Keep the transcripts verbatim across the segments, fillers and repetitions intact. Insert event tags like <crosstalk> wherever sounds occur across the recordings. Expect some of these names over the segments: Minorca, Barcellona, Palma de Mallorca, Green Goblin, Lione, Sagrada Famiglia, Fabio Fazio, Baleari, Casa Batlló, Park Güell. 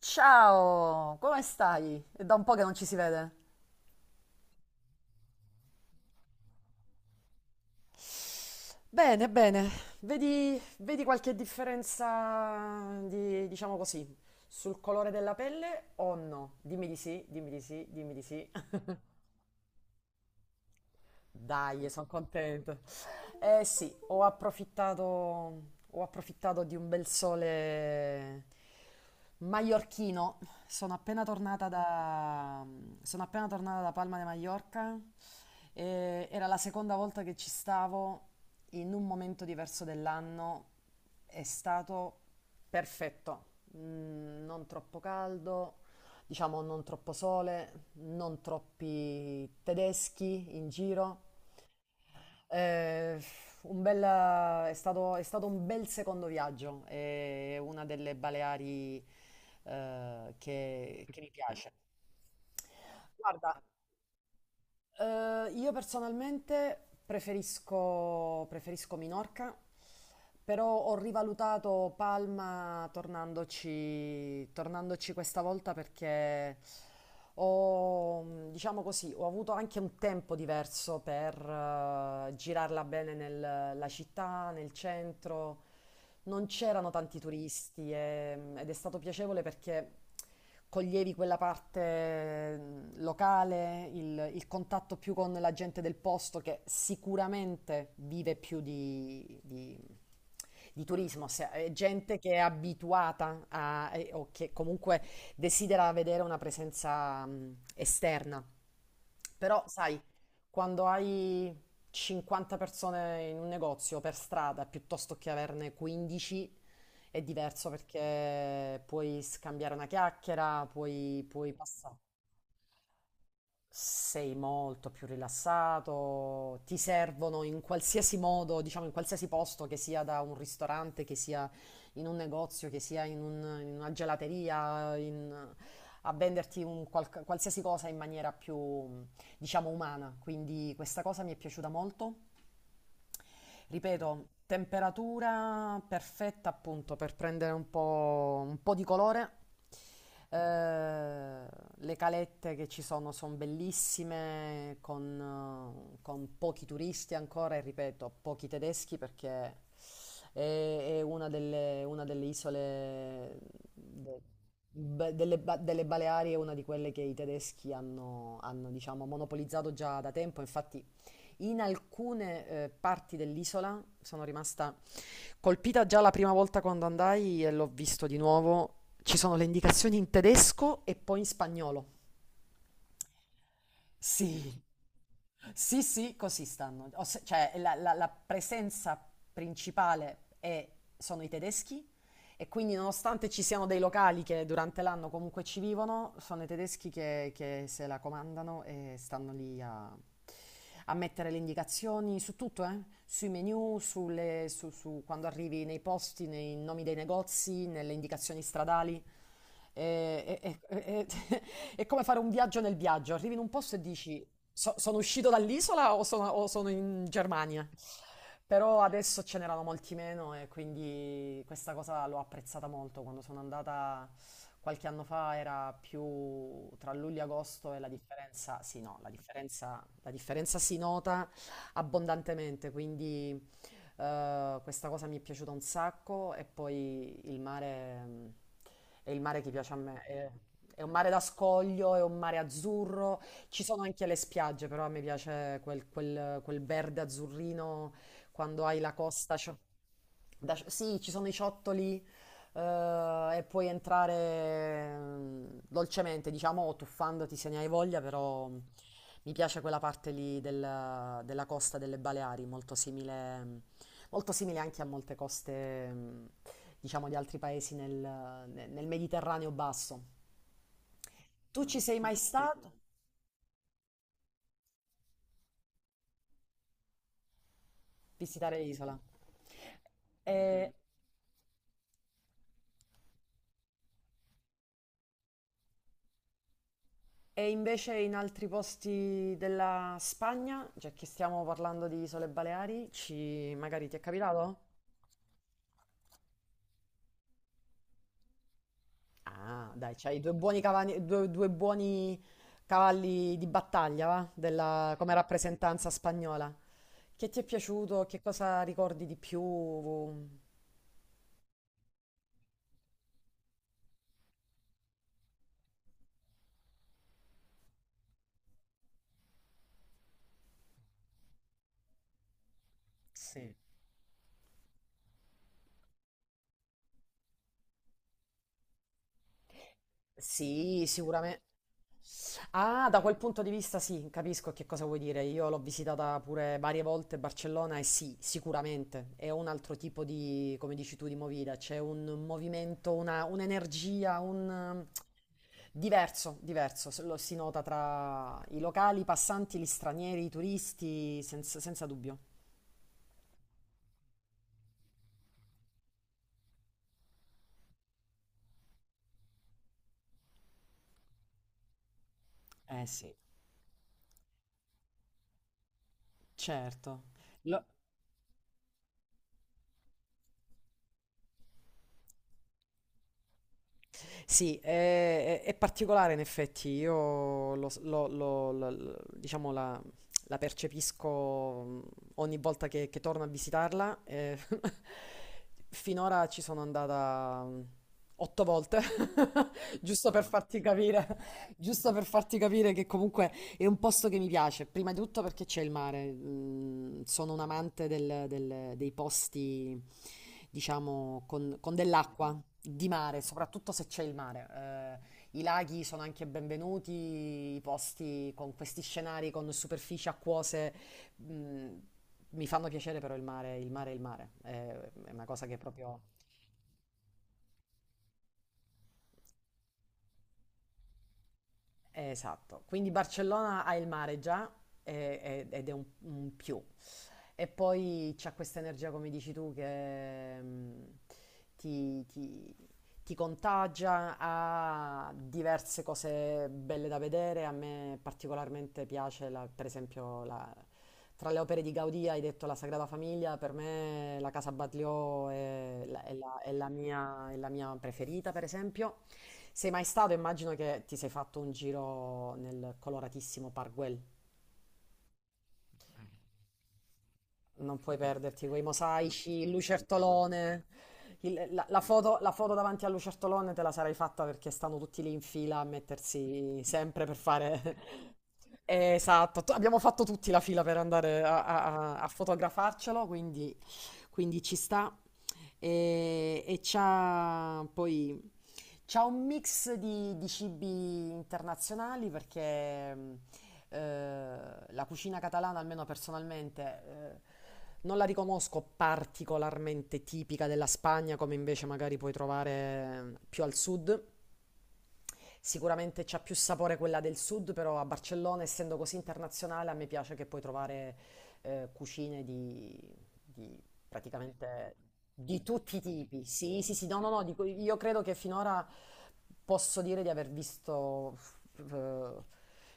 Ciao, come stai? È da un po' che non ci si vede. Bene, bene. Vedi, vedi qualche differenza di, diciamo così, sul colore della pelle o no? Dimmi di sì, dimmi di sì, dimmi di sì. <laughs> Dai, sono contenta. Eh sì, ho approfittato, ho approfittato di un bel sole maiorchino. Sono appena tornata da, Sono appena tornata da Palma de Mallorca. E era la seconda volta che ci stavo in un momento diverso dell'anno. È stato perfetto. Mm, non troppo caldo, diciamo non troppo sole, non troppi tedeschi in giro. Eh, un bel, è stato, è stato un bel secondo viaggio, è una delle Baleari eh, che, che mi piace. Guarda, eh, io personalmente preferisco, preferisco Minorca, però ho rivalutato Palma tornandoci, tornandoci questa volta perché ho, mh, diciamo così, ho avuto anche un tempo diverso per eh, girarla bene nella città, nel centro. Non c'erano tanti turisti e- ed è stato piacevole perché coglievi quella parte mh, locale, il, il contatto più con la gente del posto che sicuramente vive più di, di- di turismo, se- è gente che è abituata a, e- o che comunque desidera vedere una presenza mh, esterna. Però, sai, quando hai cinquanta persone in un negozio per strada piuttosto che averne quindici è diverso perché puoi scambiare una chiacchiera, puoi, puoi passare. Sei molto più rilassato, ti servono in qualsiasi modo, diciamo in qualsiasi posto, che sia da un ristorante, che sia in un negozio, che sia in, un- in una gelateria, in- a venderti un qualc- qualsiasi cosa in maniera più, diciamo, umana. Quindi questa cosa mi è piaciuta molto. Ripeto, temperatura perfetta appunto per prendere un po', un po' di colore. Eh, le calette che ci sono sono bellissime, con, eh, con pochi turisti ancora e ripeto, pochi tedeschi perché è, è una delle, una delle isole de- be- delle, ba- delle Baleari, è una di quelle che i tedeschi hanno, hanno, diciamo, monopolizzato già da tempo. Infatti in alcune eh, parti dell'isola sono rimasta colpita già la prima volta quando andai e l'ho visto di nuovo. Ci sono le indicazioni in tedesco e poi in spagnolo. Sì. Sì, sì, così stanno. O se- cioè, la, la- la presenza principale è- sono i tedeschi e quindi nonostante ci siano dei locali che durante l'anno comunque ci vivono, sono i tedeschi che, che se la comandano e stanno lì a, a mettere le indicazioni su tutto, eh? Sui menu, sulle- su, su quando arrivi nei posti, nei nomi dei negozi, nelle indicazioni stradali. E- e- e- e- <laughs> è come fare un viaggio nel viaggio, arrivi in un posto e dici... So- sono uscito dall'isola o sono, o sono in Germania? Però adesso ce n'erano molti meno e quindi questa cosa l'ho apprezzata molto. Quando sono andata qualche anno fa era più tra luglio e agosto e la differenza, sì, no, la differenza, la differenza si nota abbondantemente, quindi eh, questa cosa mi è piaciuta un sacco e poi il mare mh, è il mare che piace a me. È, è un mare da scoglio, è un mare azzurro, ci sono anche le spiagge, però a me piace quel quel- quel verde azzurrino quando hai la costa. Cio- da- sì, ci sono i ciottoli eh, e puoi entrare mm, dolcemente, diciamo, o tuffandoti se ne hai voglia, però mm, mi piace quella parte lì del- della costa delle Baleari, molto simile, mm, molto simile anche a molte coste, mm, diciamo, di altri paesi nel, nel Mediterraneo basso. Tu ci sei mai stato? Visitare l'isola? Eh, E invece in altri posti della Spagna, cioè che stiamo parlando di Isole Baleari, ci... magari ti è capitato? Ah, dai, c'hai due buoni, cavani- due- due buoni cavalli di battaglia, va? Della... come rappresentanza spagnola. Che ti è piaciuto? Che cosa ricordi di più? Sì. Sì, sicuramente. Ah, da quel punto di vista sì, capisco che cosa vuoi dire. Io l'ho visitata pure varie volte Barcellona e sì, sicuramente è un altro tipo di, come dici tu, di movida. C'è un movimento, una- un'energia, un... diverso, diverso. Se lo si nota tra i locali, i passanti, gli stranieri, i turisti, senza, senza dubbio. Eh sì. Certo. Lo- Sì, è, è- è particolare in effetti, io lo, s- lo- lo- lo- lo- diciamo la, la percepisco mm, ogni volta che, che torno a visitarla. eh, <laughs> finora ci sono andata mm, otto volte, <laughs> giusto per farti capire, giusto per farti capire che comunque è un posto che mi piace, prima di tutto perché c'è il mare. Mm, sono un amante del- del- dei posti, diciamo, con, con dell'acqua, di mare, soprattutto se c'è il mare. Eh, i laghi sono anche benvenuti, i posti con questi scenari, con superfici acquose, mm, mi fanno piacere però il mare, il mare è il mare. È, è una cosa che proprio... Esatto. Quindi Barcellona ha il mare già eh, eh, ed è un un più. E poi c'ha questa energia, come dici tu, che mm, ti, ti- ti contagia, ha diverse cose belle da vedere. A me particolarmente piace, la- per esempio, la- tra le opere di Gaudì hai detto La Sagrada Famiglia, per me la Casa Batlló è la, è la- è la mia, è la mia preferita, per esempio. Sei mai stato? Immagino che ti sei fatto un giro nel coloratissimo Park Güell. Non puoi perderti quei mosaici, il lucertolone, il- la, la foto, la foto davanti al lucertolone te la sarai fatta perché stanno tutti lì in fila a mettersi sempre per fare... <laughs> Esatto, t- abbiamo fatto tutti la fila per andare a, a- a- a fotografarcelo, quindi, quindi ci sta. E, e c'ha poi C'ha un mix di, di cibi internazionali perché mh, eh, la cucina catalana, almeno personalmente, eh, non la riconosco particolarmente tipica della Spagna, come invece magari puoi trovare eh, più al sud. Sicuramente c'ha più sapore quella del sud, però a Barcellona, essendo così internazionale, a me piace che puoi trovare eh, cucine di, di praticamente di tutti i tipi. Sì, sì, sì, no, no, no, dico- io credo che finora posso dire di aver visto... eh,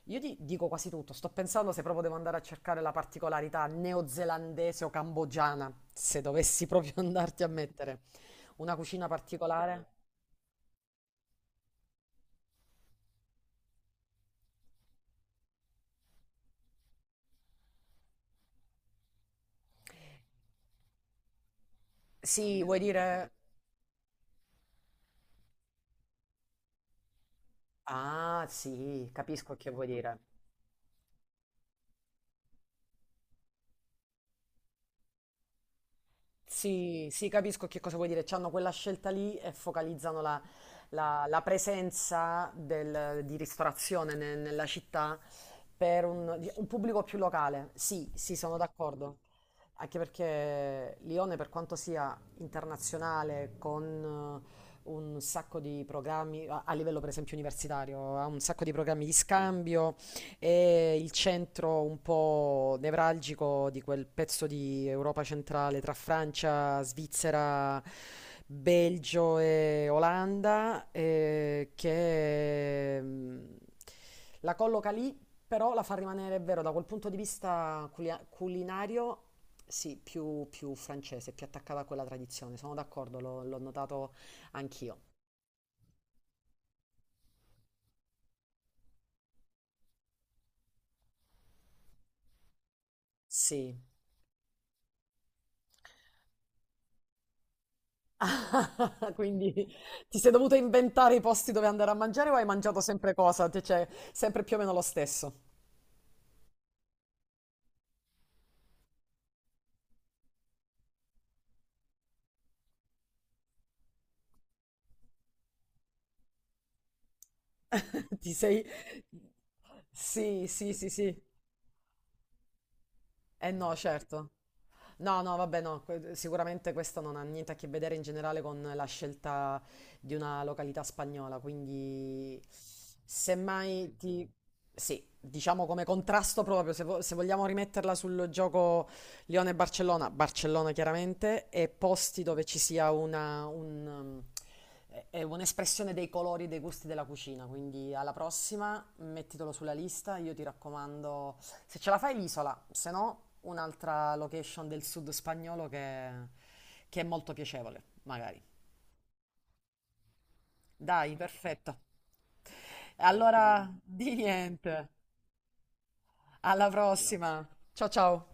io di- dico quasi tutto, sto pensando se proprio devo andare a cercare la particolarità neozelandese o cambogiana, se dovessi proprio <laughs> andarti a mettere una cucina particolare. Sì, vuoi dire... Ah, sì, capisco che vuoi dire. Sì, sì, capisco che cosa vuoi dire. C'hanno quella scelta lì e focalizzano la, la- la presenza del- di ristorazione ne- nella città per un, di- un pubblico più locale. Sì, sì, sono d'accordo. Anche perché Lione, per quanto sia internazionale, con eh, un sacco di programmi, a, a livello per esempio universitario, ha un sacco di programmi di scambio. È il centro un po' nevralgico di quel pezzo di Europa centrale tra Francia, Svizzera, Belgio e Olanda, eh, che mm, la colloca lì, però la fa rimanere, è vero, da quel punto di vista culia- culinario, sì, più, più francese, più attaccata a quella tradizione. Sono d'accordo, l'ho l'ho notato anch'io. Sì. <laughs> Quindi ti sei dovuto inventare i posti dove andare a mangiare o hai mangiato sempre cosa? Cioè, cioè, sempre più o meno lo stesso. <laughs> Ti sei... Sì, sì, sì, sì. Eh no, certo. No, no, vabbè, no, que- sicuramente questo non ha niente a che vedere in generale con la scelta di una località spagnola, quindi semmai ti... Sì, diciamo come contrasto proprio, se, vo- se vogliamo rimetterla sul gioco Lione-Barcellona, Barcellona Barcellona chiaramente, e posti dove ci sia una, un, um, è- è un'espressione dei colori, dei gusti della cucina, quindi alla prossima mettitelo sulla lista, io ti raccomando se ce la fai l'isola, se no un'altra location del sud spagnolo che, che è molto piacevole, magari. Dai, perfetto. Ottimo. Allora, di niente. Alla Grazie. Prossima. Ciao ciao.